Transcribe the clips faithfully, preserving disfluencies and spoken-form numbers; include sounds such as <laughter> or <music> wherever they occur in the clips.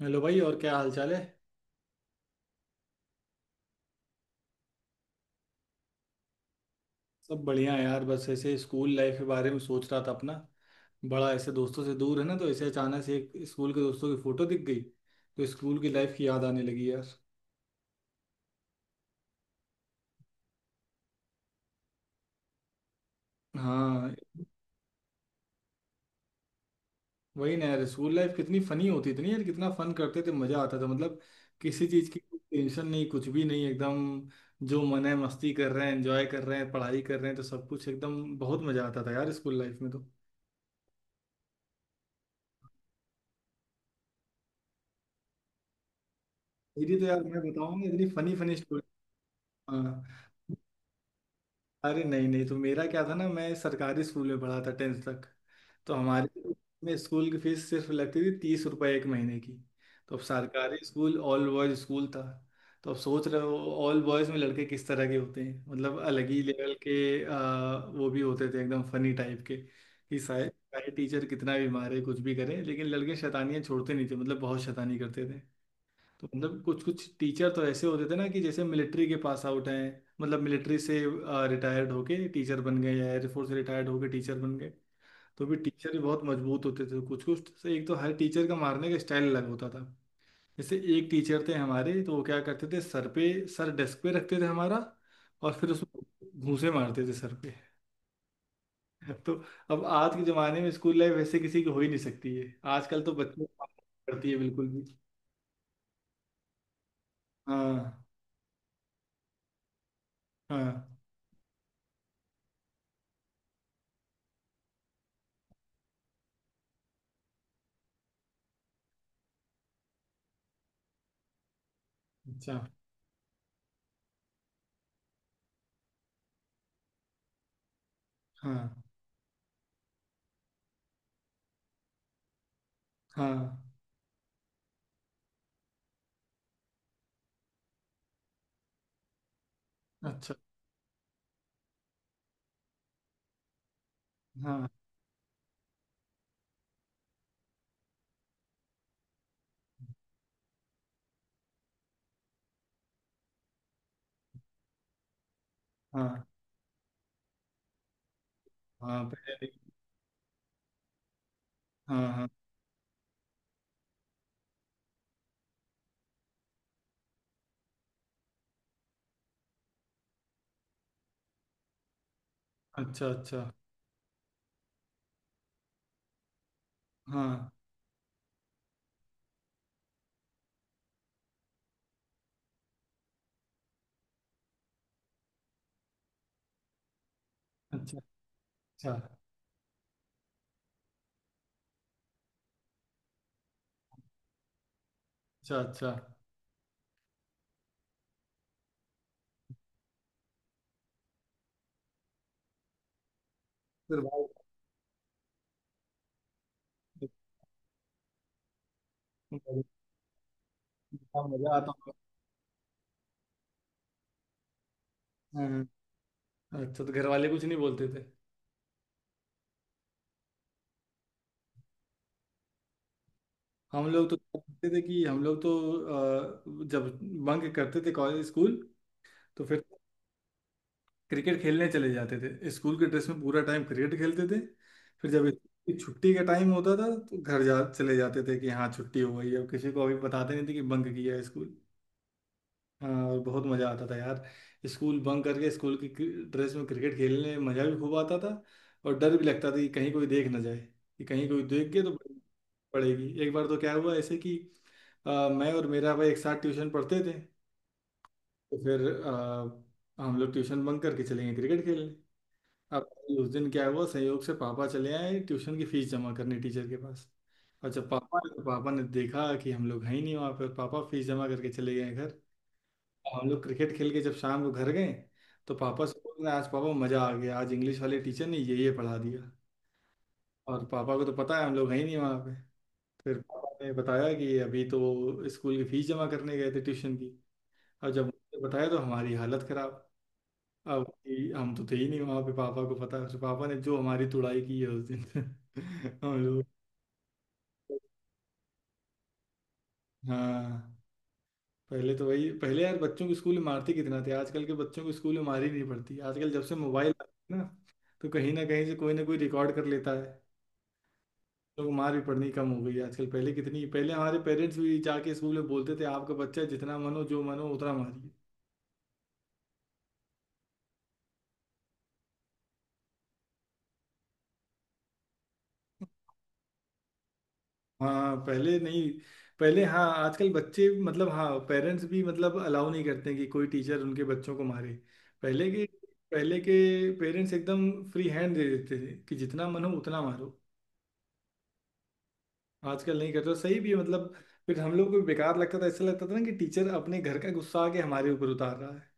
Hello भाई और क्या हाल चाल है। सब बढ़िया है यार, बस ऐसे स्कूल लाइफ के बारे में सोच रहा था अपना। बड़ा ऐसे दोस्तों से दूर है ना, तो ऐसे अचानक से एक स्कूल के दोस्तों की फोटो दिख गई तो स्कूल की लाइफ की याद आने लगी यार। हाँ, वही ना यार, स्कूल लाइफ कितनी फनी होती थी ना यार, कितना फन करते थे, मजा आता था मतलब। किसी चीज की टेंशन नहीं, कुछ भी नहीं, एकदम जो मन है मस्ती कर रहे हैं, एंजॉय कर रहे हैं, पढ़ाई कर रहे हैं, तो सब कुछ एकदम बहुत मजा आता था यार स्कूल लाइफ में तो। मेरी तो यार, मैं बताऊँ ना, इतनी फनी फनी स्टोरी। हाँ। अरे नहीं नहीं, तो मेरा क्या था ना, मैं सरकारी स्कूल में पढ़ा था टेंथ तक। तो हमारे में स्कूल की फीस सिर्फ लगती थी तीस रुपए एक महीने की। तो अब सरकारी स्कूल ऑल बॉयज स्कूल था। तो अब सोच रहे हो, ऑल बॉयज में लड़के किस तरह के होते हैं, मतलब अलग ही लेवल के आ, वो भी होते थे एकदम फनी टाइप के। कि सारे टीचर कितना भी मारे कुछ भी करे लेकिन लड़के शैतानियां छोड़ते नहीं थे, मतलब बहुत शैतानी करते थे। तो मतलब कुछ कुछ टीचर तो ऐसे होते थे ना कि जैसे मिलिट्री के पास आउट हैं। मतलब मिलिट्री से रिटायर्ड होके टीचर बन गए या एयरफोर्स से रिटायर्ड होके टीचर बन गए। तो भी टीचर भी बहुत मजबूत होते थे कुछ कुछ से, एक तो हर टीचर का मारने का स्टाइल अलग होता था। जैसे एक टीचर थे हमारे तो वो क्या करते थे, सर पे सर डेस्क पे रखते थे हमारा और फिर उसमें घूंसे मारते थे सर पे। <laughs> तो अब आज के जमाने में स्कूल लाइफ वैसे किसी की हो ही नहीं सकती है, आजकल तो बच्चे करती है बिल्कुल भी। हाँ हाँ। अच्छा। हाँ हाँ। अच्छा। हाँ हाँ। हाँ पहले नहीं। हाँ हाँ। अच्छा अच्छा। हाँ। अच्छा अच्छा। अच्छा। अच्छा। फिर भाई, कितना मजा आता होगा। हाँ हाँ। अच्छा, तो घर वाले कुछ नहीं बोलते थे। हम लोग तो क्या करते थे कि हम लोग तो अ, जब बंक करते थे कॉलेज स्कूल, तो फिर क्रिकेट खेलने चले जाते थे, स्कूल के ड्रेस में पूरा टाइम क्रिकेट खेलते थे। फिर जब छुट्टी का टाइम होता था तो घर जा चले जाते थे कि हाँ छुट्टी हो गई है। अब किसी को अभी बताते नहीं थे कि बंक किया है स्कूल। हाँ और बहुत मज़ा आता था यार, स्कूल बंक करके स्कूल की क्रि- ड्रेस में क्रिकेट खेलने में मज़ा भी खूब आता था। और डर भी लगता था कि कहीं कोई देख ना जाए, कि कहीं कोई देख गया तो बड़ी पड़ेगी। एक बार तो क्या हुआ ऐसे कि अ, मैं और मेरा भाई एक साथ ट्यूशन पढ़ते थे। तो फिर अ, हम लोग ट्यूशन बंक करके चले गए क्रिकेट खेलने। अब उस दिन क्या हुआ, संयोग से पापा चले आए ट्यूशन की फीस जमा करने टीचर के पास। और जब पापा आए, तो पापा ने देखा कि हम लोग हैं ही नहीं वहाँ पर, पापा फीस जमा करके चले गए। हम लोग क्रिकेट खेल के जब शाम को घर गए तो पापा से बोल रहे हैं, आज पापा मजा आ गया, आज इंग्लिश वाले टीचर ने ये ये पढ़ा दिया। और पापा को तो पता है हम लोग हैं ही नहीं वहाँ पे। फिर पापा ने बताया कि अभी तो स्कूल की फीस जमा करने गए थे ट्यूशन की। और जब मुझे बताया तो हमारी हालत खराब, अब कि हम तो थे ही नहीं वहाँ पे, पापा को पता है। फिर पापा ने जो हमारी तुड़ाई की है उस दिन। <laughs> हम लोग, हाँ पहले तो वही पहले यार बच्चों को स्कूल में मारते कितना थे, आजकल के बच्चों को स्कूल में मार ही नहीं पड़ती, आजकल जब से मोबाइल आ गया ना तो कहीं ना कहीं से कोई ना कोई रिकॉर्ड कर लेता है। लोग को मार भी पड़नी कम हो गई है आजकल, पहले कितनी, पहले हमारे पेरेंट्स भी जाके स्कूल में बोलते थे आपका बच्चा जितना मन हो जो मन हो उतना मारिए। हाँ पहले नहीं, पहले हाँ आजकल बच्चे मतलब हाँ पेरेंट्स भी मतलब अलाउ नहीं करते कि कोई टीचर उनके बच्चों को मारे। पहले के पहले के पेरेंट्स एकदम फ्री हैंड दे देते थे कि जितना मन हो उतना मारो। आजकल नहीं करते और सही भी है मतलब। फिर हम लोग को भी बेकार लगता था, ऐसा लगता था ना कि टीचर अपने घर का गुस्सा आके हमारे ऊपर उतार रहा है,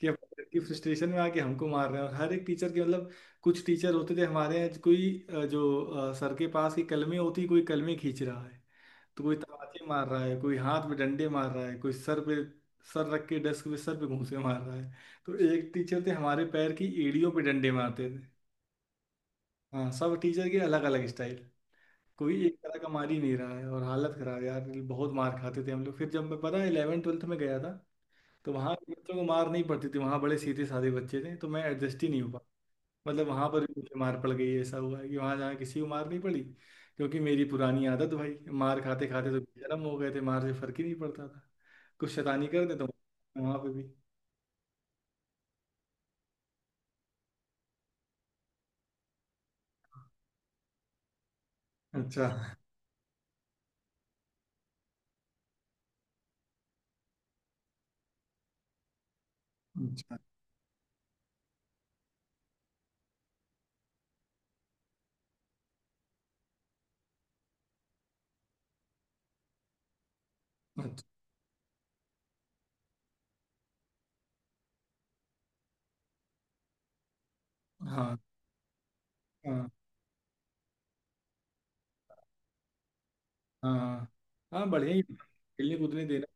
कि अपने घर की फ्रस्ट्रेशन में आके हमको मार रहे हैं। और हर एक टीचर के मतलब कुछ टीचर होते थे हमारे यहाँ, कोई अ, जो अ, सर के पास की कलमें होती, कोई कलमें खींच रहा है, तो कोई तमाचे मार रहा है, कोई हाथ पे डंडे मार रहा है, कोई सर पे सर रख के डेस्क पे सर पे घूंसे मार रहा है। तो एक टीचर थे हमारे, पैर की एड़ियों पे डंडे मारते थे। हाँ, सब टीचर के अलग अलग स्टाइल, कोई एक तरह का मार ही नहीं रहा है, और हालत खराब है यार, बहुत मार खाते थे हम लोग। फिर जब मैं पता है इलेवन ट्वेल्थ में गया था, तो वहाँ के बच्चों को मार नहीं पड़ती थी, वहाँ बड़े सीधे साधे बच्चे थे, तो मैं एडजस्ट ही नहीं हो पा, मतलब वहाँ पर भी मुझे मार पड़ गई, ऐसा हुआ है कि वहाँ जहाँ किसी को मार नहीं पड़ी। क्योंकि मेरी पुरानी आदत भाई, मार खाते खाते तो बेशरम हो गए थे, मार से फर्क ही नहीं पड़ता था, कुछ शैतानी कर दे तो वहाँ पे भी। अच्छा अच्छा। अच्छा। हाँ हाँ। हाँ हाँ बढ़िया ही खेलने कूदने देना।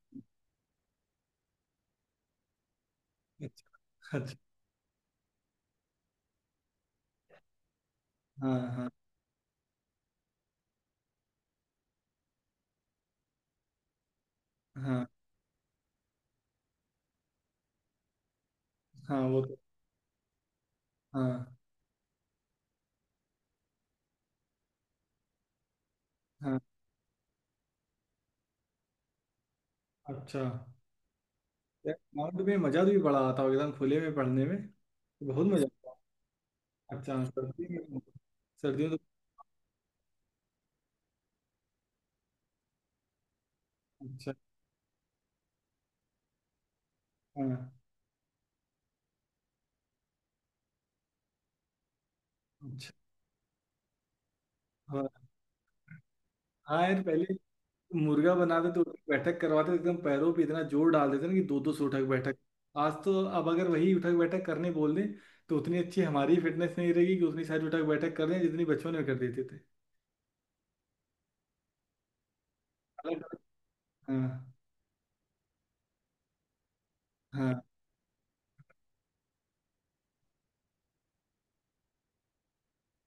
अच्छा अच्छा। हाँ हाँ। हाँ वो तो। हाँ हाँ। अच्छा यार, ग्राउंड में मजा भी बड़ा आता होगा एकदम खुले में पढ़ने में, बहुत मजा आता है। अच्छा सर्दी में तो, सर्दियों तो। अच्छा। हाँ। अच्छा। हाँ हाँ यार पहले मुर्गा बनाते तो उठक बैठक करवाते तो एकदम पैरों पे इतना जोर डाल देते ना कि दो दो सौ उठक बैठक। आज तो अब अगर वही उठक बैठक करने बोल दें, तो उतनी अच्छी हमारी फिटनेस नहीं रहेगी कि उतनी सारी उठक बैठक कर रहे हैं जितनी बचपन में कर देते थे। अलग अलग, हाँ हाँ।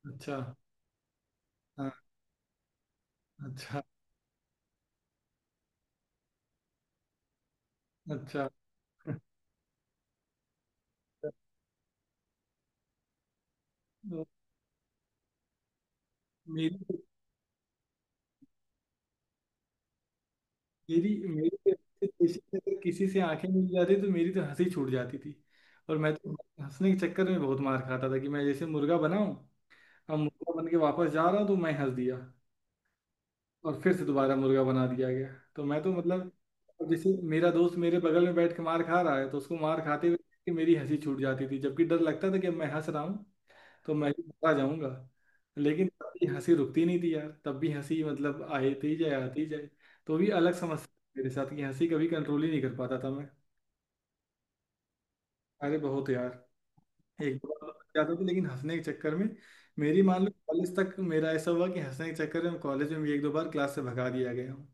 अच्छा। हाँ। अच्छा अच्छा। <laughs> मेरी मेरी मेरी ऐसी थी, अगर किसी से आंखें मिल जाती तो मेरी तो हंसी छूट जाती थी। और मैं तो हंसने के चक्कर में बहुत मार खाता था, कि मैं जैसे मुर्गा बना हूँ, अब मुर्गा बन के वापस जा रहा हूँ, तो मैं हंस दिया और फिर से दोबारा मुर्गा बना दिया गया। तो मैं तो मतलब, अब जैसे मेरा दोस्त मेरे बगल में बैठ के मार खा रहा है तो उसको मार खाते हुए देख के मेरी हंसी छूट जाती थी, जबकि डर लगता था कि अब मैं हंस रहा हूँ तो मैं भी बता जाऊंगा। लेकिन तब भी हंसी रुकती नहीं थी यार, तब भी हंसी मतलब आती जाए आती जाए। तो भी अलग समस्या थी मेरे साथ, कि हंसी कभी कंट्रोल ही नहीं कर पाता था मैं। अरे बहुत यार, एक दो बार लग जाता था लेकिन हंसने के चक्कर में। मेरी मान लो कॉलेज तक मेरा ऐसा हुआ कि हंसने के चक्कर में कॉलेज में भी एक दो बार क्लास से भगा दिया गया हूँ।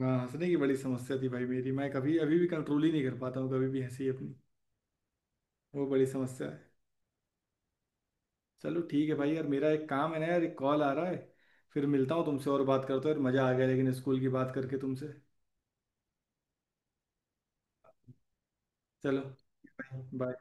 हाँ, हंसने की बड़ी समस्या थी भाई मेरी, मैं कभी अभी भी कंट्रोल ही नहीं कर पाता हूँ कभी भी हंसी अपनी, वो बड़ी समस्या है। चलो ठीक है भाई, यार मेरा एक काम है ना यार, एक कॉल आ रहा है, फिर मिलता हूँ तुमसे और बात करता हूँ यार, मज़ा आ गया लेकिन स्कूल की बात करके तुमसे। चलो बाय।